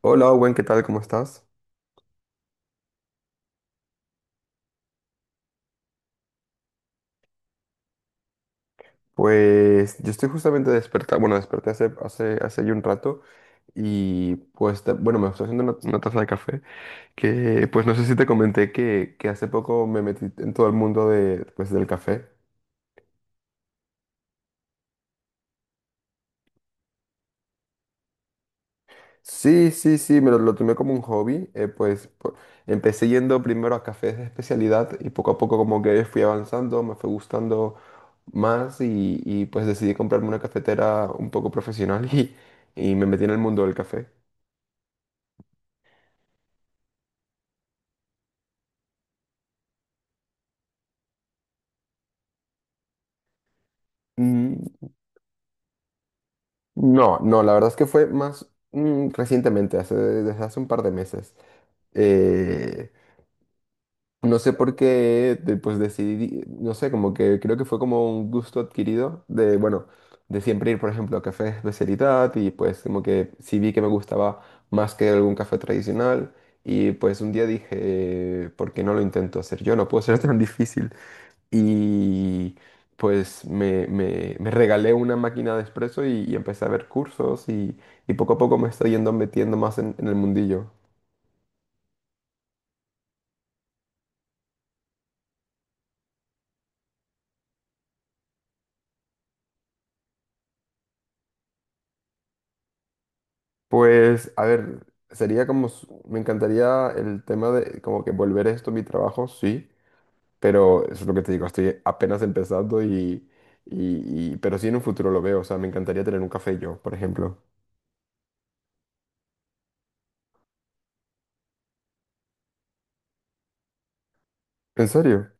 Hola, Owen, ¿qué tal? ¿Cómo estás? Pues yo estoy justamente despertado, bueno, desperté hace ya un rato y pues, bueno, me estoy haciendo una taza de café que, pues no sé si te comenté que hace poco me metí en todo el mundo de, pues, del café. Sí, sí, sí, me lo tomé como un hobby, pues empecé yendo primero a cafés de especialidad y poco a poco como que fui avanzando, me fue gustando más y pues decidí comprarme una cafetera un poco profesional y me metí en el mundo del café. Mm, No, no, la verdad es que fue más recientemente, desde hace un par de meses. Eh, no sé por qué, pues decidí, no sé, como que creo que fue como un gusto adquirido de, bueno, de siempre ir, por ejemplo, a cafés de especialidad y pues como que sí vi que me gustaba más que algún café tradicional y pues un día dije, ¿por qué no lo intento hacer yo? No puedo ser tan difícil. Y pues me regalé una máquina de espresso y empecé a ver cursos y poco a poco me estoy yendo metiendo más en el mundillo. Pues, a ver, sería como, me encantaría el tema de como que volver esto a mi trabajo, sí, pero eso es lo que te digo, estoy apenas empezando pero sí en un futuro lo veo, o sea, me encantaría tener un café yo, por ejemplo. ¿En serio?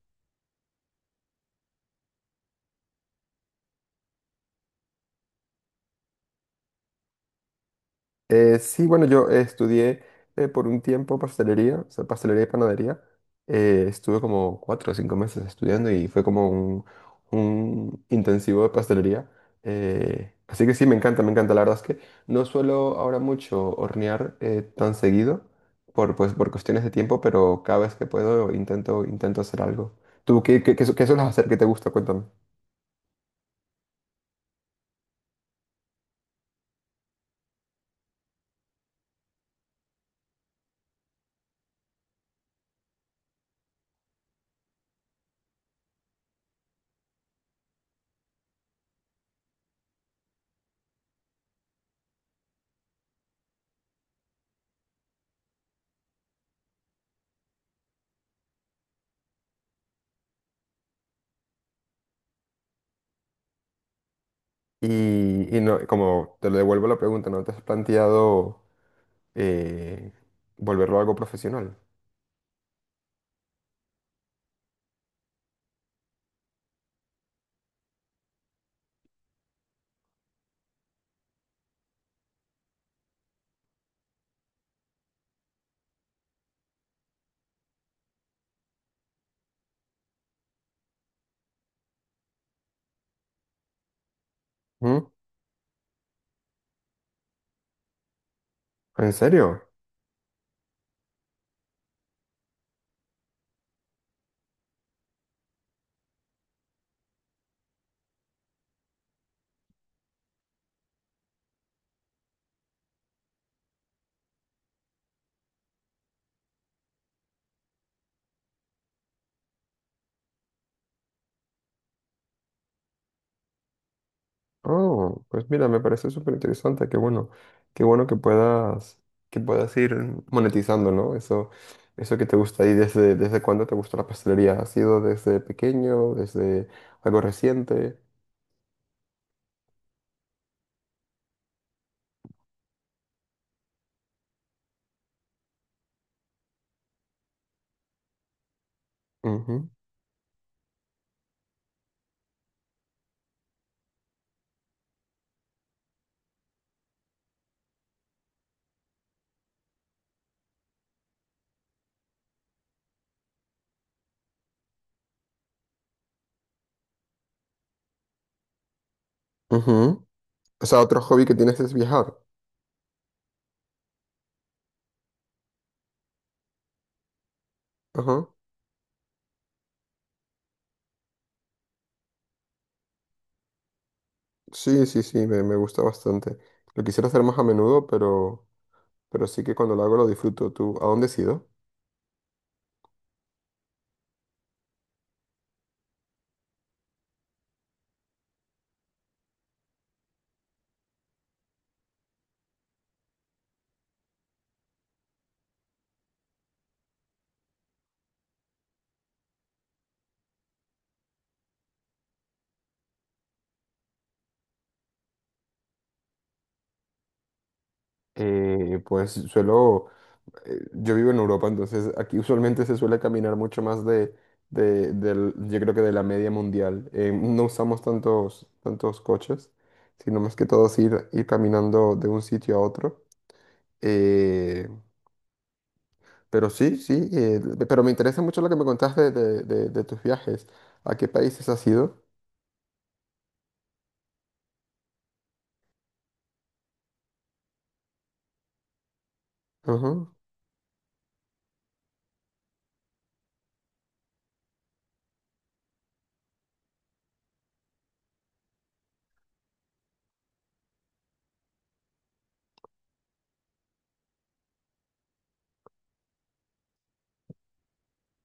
Sí, bueno, yo estudié por un tiempo pastelería, o sea, pastelería y panadería. Estuve como 4 o 5 meses estudiando y fue como un intensivo de pastelería. Así que sí, me encanta, me encanta. La verdad es que no suelo ahora mucho hornear tan seguido por, pues, por cuestiones de tiempo, pero cada vez que puedo intento hacer algo. ¿Tú qué sueles hacer que te gusta? Cuéntame. Y no, como te lo devuelvo la pregunta, ¿no te has planteado eh, volverlo algo profesional? ¿Mm? ¿En serio? Oh, pues mira, me parece súper interesante, qué bueno que puedas ir monetizando, ¿no? Eso, que te gusta y desde desde cuándo te gusta la pastelería. ¿Ha sido desde pequeño, desde algo reciente? Ujú, ujú. O sea, otro hobby que tienes es viajar. Ajá. Sí, sí, sí, me gusta bastante. Lo quisiera hacer más a menudo, pero sí que cuando lo hago lo disfruto. ¿Tú a dónde has ido? eh, pues suelo, yo vivo en Europa, entonces aquí usualmente se suele caminar mucho más de, yo creo que de la media mundial. No usamos tantos coches, sino más que todo es ir caminando de un sitio a otro. Eh, pero sí, sí, pero me interesa mucho lo que me contaste de, de tus viajes. ¿A qué países has ido? Ajá.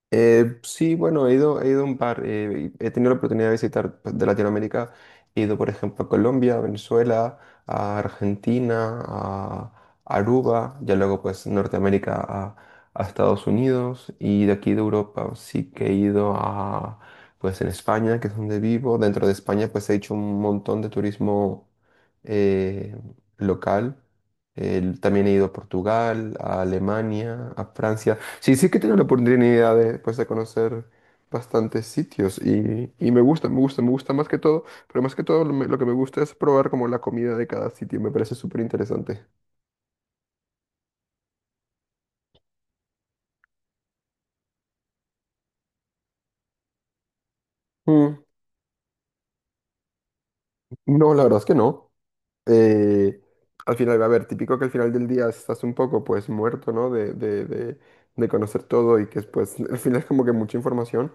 Sí, bueno, he ido a un par, y he tenido la oportunidad de visitar pues, de Latinoamérica, he ido por ejemplo a Colombia, a Venezuela, a Argentina, a Aruba, ya luego pues Norteamérica a Estados Unidos y de aquí de Europa sí que he ido a pues en España, que es donde vivo, dentro de España pues he hecho un montón de turismo eh, local. También he ido a Portugal, a Alemania, a Francia. Sí, sí que tengo la oportunidad de, pues, de conocer bastantes sitios y me gusta, me gusta, me gusta más que todo, pero más que todo lo que me gusta es probar como la comida de cada sitio, me parece súper interesante. Mm, No, la verdad es que no. Eh, Al final, a ver, típico que al final del día estás un poco pues muerto, ¿no? De conocer todo y que pues al final es como que mucha información,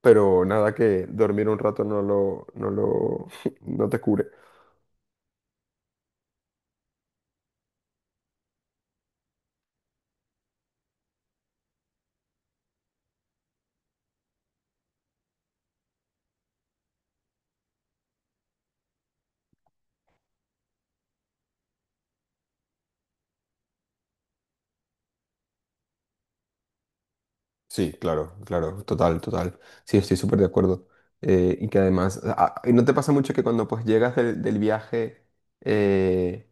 pero nada que dormir un rato no lo, no te cure. Sí, claro, claro, total, total. Sí, estoy súper de acuerdo. Y que además, ¿no te pasa mucho que cuando pues llegas del viaje eh,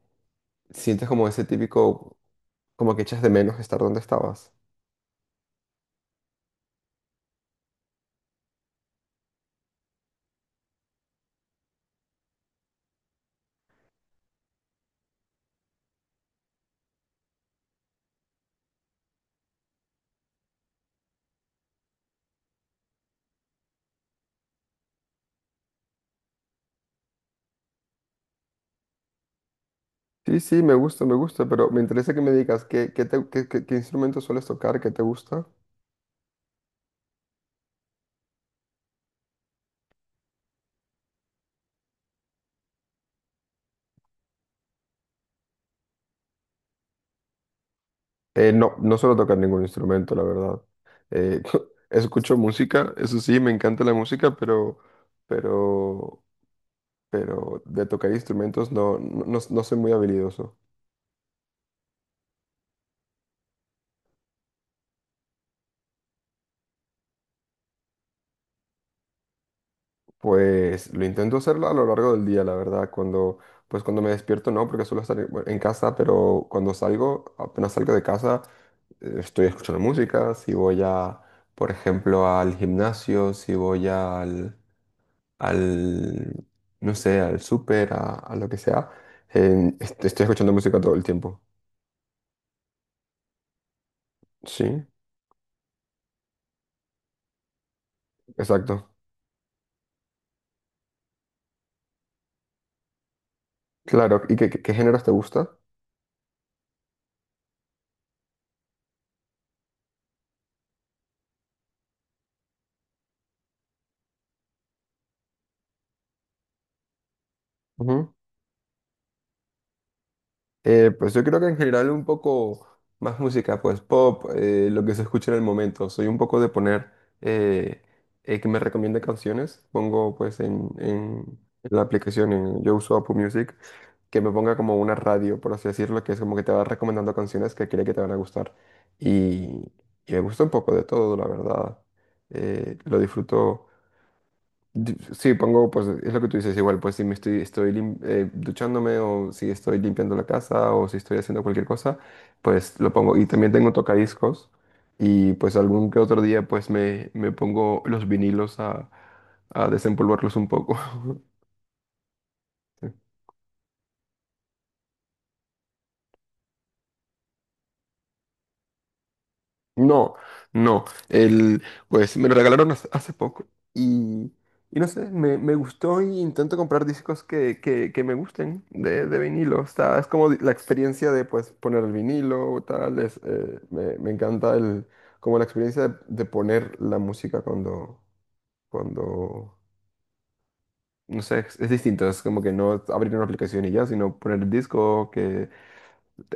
sientes como ese típico, como que echas de menos estar donde estabas? Sí, sí, me gusta, pero me interesa que me digas qué instrumento sueles tocar, qué te gusta. No, no suelo tocar ningún instrumento, la verdad. Eh, escucho música, eso sí, me encanta la música, pero, pero de tocar instrumentos no, no, no, no soy muy habilidoso. Pues lo intento hacerlo a lo largo del día, la verdad. Pues cuando me despierto no, porque suelo estar en bueno, en casa, pero cuando salgo, apenas salgo de casa, estoy escuchando música. Si voy a, por ejemplo, al gimnasio, si voy al, al, no sé, al súper, a lo que sea, estoy escuchando música todo el tiempo. Sí, exacto. Claro. ¿Y qué, qué géneros te gusta? Pues yo creo que en general un poco más música, pues pop, lo que se escucha en el momento. Soy un poco de poner eh, que me recomiende canciones. Pongo pues en la aplicación, yo uso Apple Music, que me ponga como una radio, por así decirlo, que es como que te va recomendando canciones que cree que te van a gustar. Y, y me gusta un poco de todo, la verdad. Lo disfruto. Sí, pongo, pues es lo que tú dices, igual, pues si me estoy, estoy lim- duchándome o si estoy limpiando la casa o si estoy haciendo cualquier cosa, pues lo pongo. Y también tengo tocadiscos y pues algún que otro día pues me pongo los vinilos a desempolvarlos un poco. No, no. Pues me lo regalaron hace poco y, y no sé, me gustó y intento comprar discos que me gusten de vinilo. O sea, es como la experiencia de pues poner el vinilo o tal. Me encanta como la experiencia de poner la música cuando, cuando, no sé, es distinto. Es como que no abrir una aplicación y ya, sino poner el disco que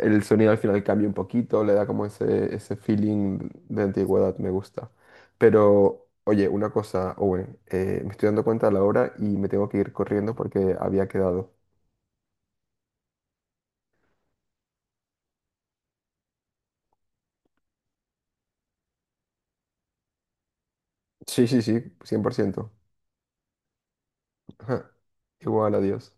el sonido al final cambia un poquito, le da como ese, feeling de antigüedad, me gusta. Pero, oye, una cosa, Owen, me estoy dando cuenta de la hora y me tengo que ir corriendo porque había quedado. Sí, sí, sí, 100%. Igual, adiós.